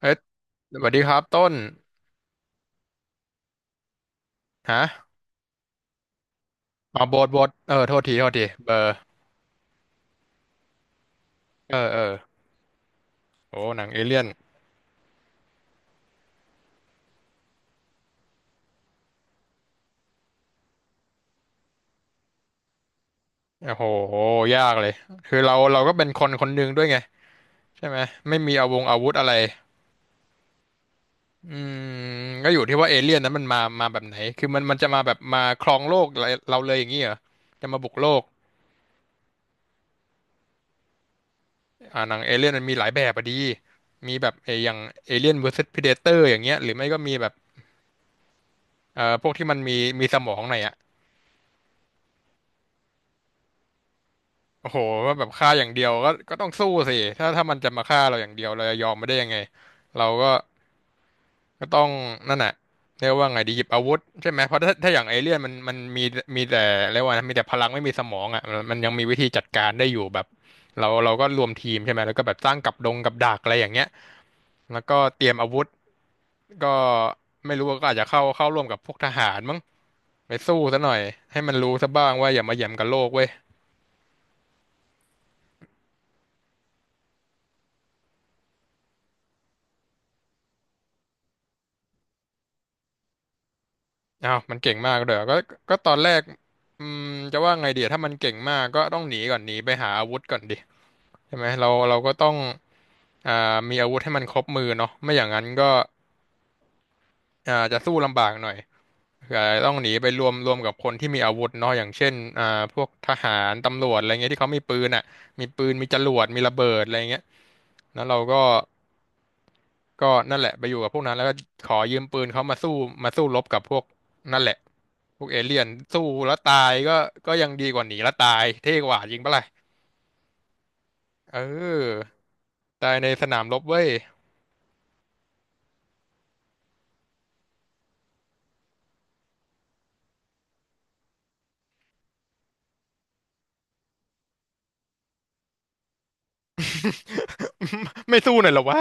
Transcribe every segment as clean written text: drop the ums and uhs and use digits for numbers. เอ้ยสวัสดีครับต้นฮะอ๋อโบทเออโทษทีเบอร์เออโอ้หนังเอเลี่ยนโอ้โหยากเลยคือเราก็เป็นคนคนหนึ่งด้วยไง ใช่ไหม ไม่มีอาวุธอะไรอืมก็อยู่ที่ว่าเอเลี่ยนนั้นมันมาแบบไหนคือมันจะมาแบบมาครองโลกเราเลยอย่างนี้เหรอจะมาบุกโลกหนังเอเลี่ยนมันมีหลายแบบอะดี มีแบบเอออย่างเอเลี่ยน vs Predator อย่างเงี้ยหรือไม่ก็มีแบบพวกที่มันมีมีสมองหน่อยอะ โอ้โหว่าแบบฆ่าอย่างเดียวก็ต้องสู้สิถ้ามันจะมาฆ่าเราอย่างเดียวเราจะยอมไม่ได้ยังไงเราก็ก็ต้องนั่นแหละเรียกว่าไงดีหยิบอาวุธใช่ไหมเพราะถ้าอย่างเอเลี่ยนมันมีมีแต่เรียกว่านะมีแต่พลังไม่มีสมองอ่ะมันยังมีวิธีจัดการได้อยู่แบบเราก็รวมทีมใช่ไหมแล้วก็แบบสร้างกับดักอะไรอย่างเงี้ยแล้วก็เตรียมอาวุธก็ไม่รู้ว่าก็อาจจะเข้าร่วมกับพวกทหารมั้งไปสู้ซะหน่อยให้มันรู้ซะบ้างว่าอย่ามาเหยี่ยมกับโลกเว้ย อ้าวมันเก่งมากเลยเหรอก็ก็ตอนแรกอืมจะว่าไงดีอะถ้ามันเก่งมากก็ต้องหนีก่อนหนีไปหาอาวุธก่อนดิใช่ไหมเราก็ต้องอ่ามีอาวุธให้มันครบมือเนาะไม่อย่างนั้นก็จะสู้ลำบากหน่อยอาจจะต้องหนีไปรวมกับคนที่มีอาวุธเนาะอย่างเช่นพวกทหารตำรวจอะไรเงี้ยที่เขามีปืนอ่ะมีปืนมีจรวดมีระเบิดอะไรเงี้ยแล้วเราก็ ก็นั่นแหละไปอยู่กับพวกนั้นแล้วก็ขอยืมปืนเขามาสู้มาสู้รบกับพวกนั่นแหละพวกเอเลี่ยนสู้แล้วตายก็ก็ยังดีกว่าหนีแล้วตายเท่กว่าจริงปะล่ะเออตายในสนามรบเว้ย ไม่สู้หน่อยเหรอวะ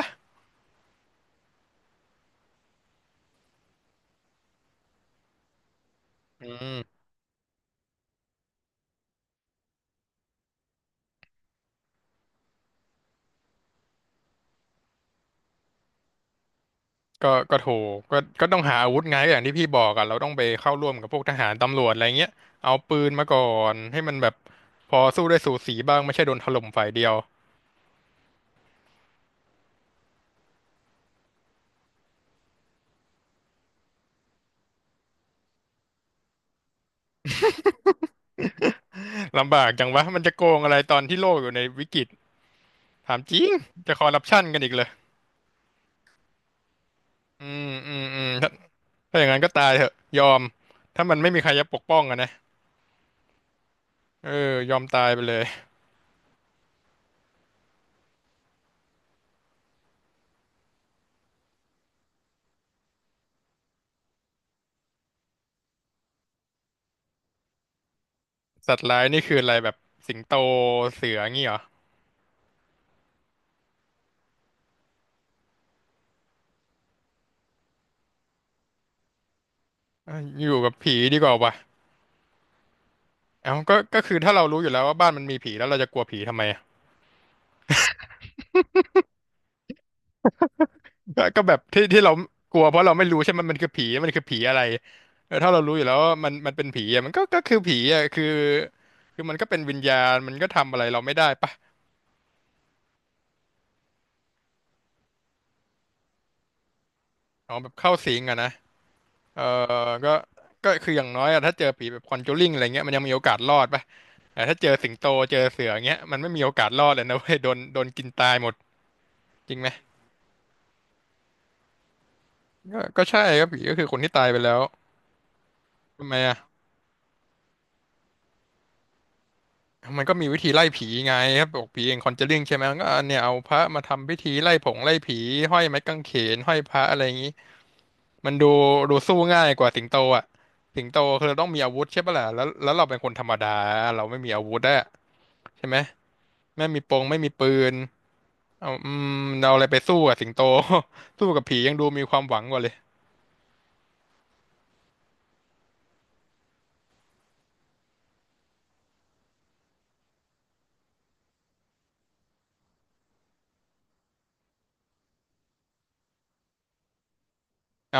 อืมก็ถูกก็ต้องหาอาวุธไงอย่างที่พี่บอกอะเราต้องไปเข้าร่วมกับพวกทหารตำรวจอะไรเงี้ยเอาปืนมาก่อนให้มันแบบพอสู้ได้สูสีบ้างไม่ใช่โดนถล่มฝ่ายเดียว ลำบากจังวะมันจะโกงอะไรตอนที่โลกอยู่ในวิกฤตถามจริงจะคอร์รัปชันกันอีกเลย อืมถ้าถ้าอย่างนั้นก็ตายเถอะยอมถ้ามันไม่มีใครจะปกป้องอะนะเออยอมตายไปเลยสัตว์ร้ายนี่คืออะไรแบบสิงโตเสืองี้เหรอเอ้ยอยู่กับผีดีกว่าว่ะเอ้าก็คือถ้าเรารู้อยู่แล้วว่าบ้านมันมีผีแล้วเราจะกลัวผีทำไมอะก็แบบที่เรากลัวเพราะเราไม่รู้ใช่ไหมมันคือผีมันคือผีอะไรเออถ้าเรารู้อยู่แล้วว่ามันเป็นผีอะมันก็คือผีอะคือคือมันก็เป็นวิญญาณมันก็ทำอะไรเราไม่ได้ปะอ๋อแบบเข้าสิงอะนะ เออก็ก็คืออย่างน้อยอะถ้าเจอผีแบบคอนจูริงอะไรเงี้ยมันยังมีโอกาสรอดปะแต่ถ้าเจอสิงโตเจอเสือเงี้ยมันไม่มีโอกาสรอดเลยนะเว้ยโดนกินตายหมดจริงไหมก็ใช่ครับผีก็คือคนที่ตายไปแล้วทำไมอ่ะมันก็มีวิธีไล่ผีไงครับบอกผีเองคอนจูริงใช่ไหมมันก็เนี่ยเอาพระมาทำพิธีไล่ผงไล่ผีห้อยไม้กางเขนห้อยพระอะไรอย่างงี้มันดูดูสู้ง่ายกว่าสิงโตอ่ะสิงโตคือเราต้องมีอาวุธใช่ปะล่ะแล้วแล้วเราเป็นคนธรรมดาเราไม่มีอาวุธอะใช่ไหมไม่มีปืน เอาเอาอะไรไปสู้กับสิงโต สู้กับผียังดูมีความหวังกว่าเลยเอ้า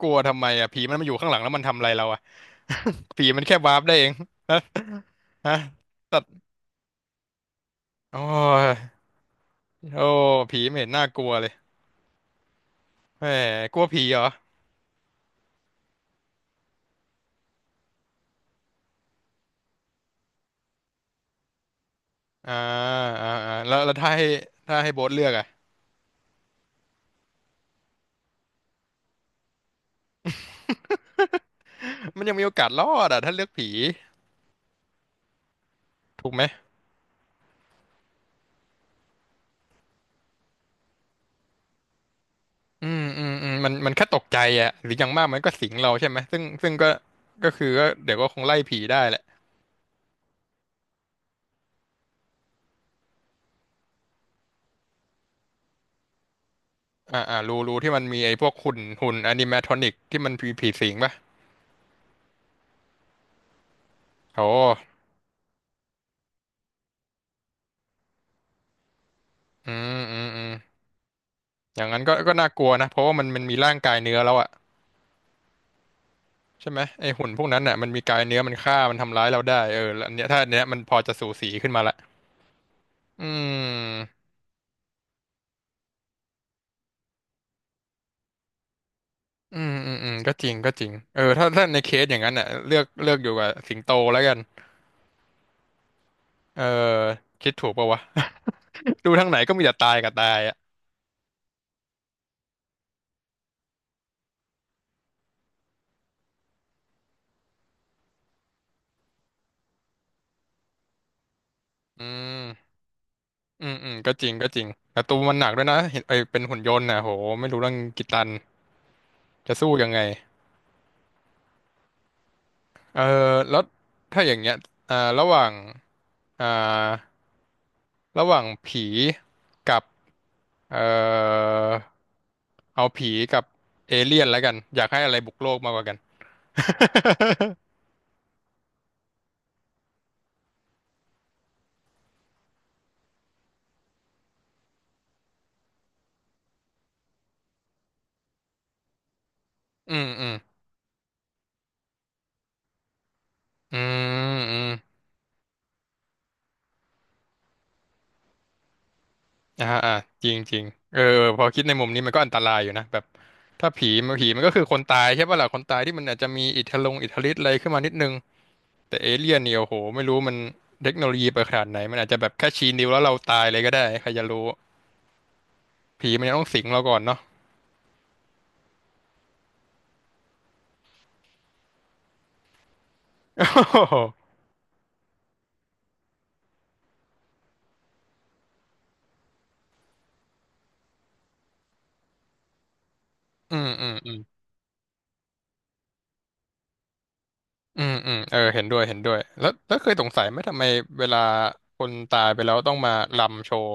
กลัวทำไมอ่ะผีมันมาอยู่ข้างหลังแล้วมันทำอะไรเราอ่ะ ผีมันแค่วาร์ปได้เอง ฮะฮะสัตว์โอ้ยโอ้ผีไม่เห็นน่ากลัวเลยแหมกลัวผีเหรออ่าอ่าแล้วแล้วถ้าให้ถ้าให้โบ๊ทเลือกอ่ะมันยังมีโอกาสรอดอ่ะถ้าเลือกผีถูกไหมอืมมันแค่ตกใจอ่ะหรืออย่างมากมันก็สิงเราใช่ไหมซึ่งก็ก็คือก็เดี๋ยวก็คงไล่ผีได้แหละ รูที่มันมีไอ้พวกหุ่นอนิเมทรอนิกที่มันผีสิงป่ะโอ้อืมอืมอืมอย่างนั้นก็น่ากลัวนะเพราะว่ามันมีร่างกายเนื้อแล้วอะใช่ไหมไอ้หุ่นพวกนั้นน่ะมันมีกายเนื้อมันฆ่ามันทำร้ายเราได้เออแล้วอันเนี้ยถ้าอันเนี้ยมันพอจะสูสีขึ้นมาละอืมอืมก็จริงก็จริงเออถ้าในเคสอย่างนั้นน่ะเลือกอยู่กับสิงโตแล้วกันเออคิดถูกปะวะ ดูทางไหนก็มีแต่ตายกับตายอะอืม อืมอืมก็จริงก็จริงแต่ตัวมันหนักด้วยนะเห็นไอเป็นหุ่นยนต์นะโหไม่รู้เรื่องกี่ตันจะสู้ยังไงเออแล้วถ้าอย่างเงี้ยระหว่างอ่าระหว่างผีกับเอ่อเอาผีกับเอเลี่ยนแล้วกันอยากให้อะไรบุกโลกมากกว่ากัน อืมอืมอืมอ่าอ่าจริงจริงเออเออพอคิดในมุมนี้มันก็อันตรายอยู่นะแบบถ้าผีมันผีมันก็คือคนตายใช่ป่ะล่ะคนตายที่มันอาจจะมีอิทธิลงอิทธิฤทธิ์อะไรขึ้นมานิดนึง แต่เอเลี่ยนเนี่ยโอ้โหไม่รู้มันเทคโนโลยีไปขนาดไหนมันอาจจะแบบแค่ชี้นิ้วแล้วเราตายเลยก็ได้ใครจะรู้ผีมันยังต้องสิงเราก่อนเนาะ โอ้โหอืมอืมอืมเออเห็นด้วยเห็นด้วยแล้วเคยสงสัยไหมทำไมเวลาคนตายไปแล้วต้องมารำโชว์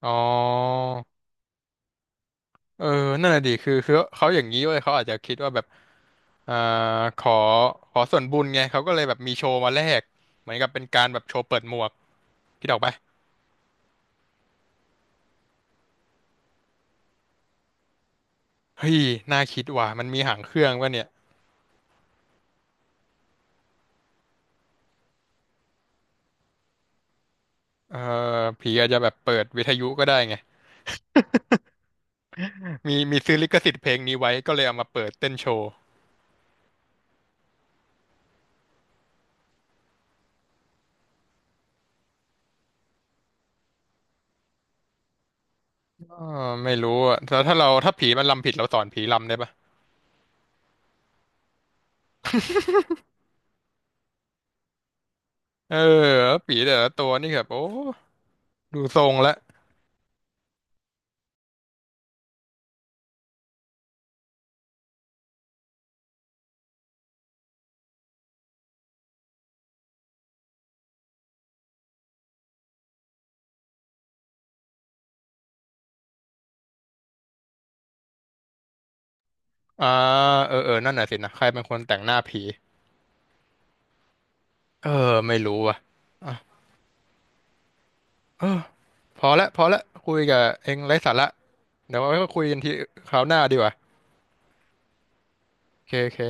อ๋อเออนั่นแหละดิคือเขาอย่างนี้เว้ยเขาอาจจะคิดว่าแบบอ่าขอขอส่วนบุญไงเขาก็เลยแบบมีโชว์มาแลกเหมือนกับเป็นการแบบโชว์เปิดหมวกคิดออกปะเฮ้ยน่าคิดว่ะมันมีหางเครื่องวะเนี่ย เออผีอาจจะแบบเปิดวิทยุก็ได้ไง มีซื้อลิขสิทธิ์เพลงนี้ไว้ก็เลยเอามาเปิดเต้นโชว์เออไม่รู้อะแล้วถ้าเราถ้าผีมันรำผิดเราสอนผีรำได้ปะ เออผีแต่ละตัวนี่แบบโอ้ดูทรงแล้วอ่าเออเออนั่นน่ะสินะใครเป็นคนแต่งหน้าผีเออไม่รู้ว่ะอ่ะเออพอละพอละคุยกับเองไร้สาระเดี๋ยวไว้คุยกันทีคราวหน้าดีกว่าโอเคโอเค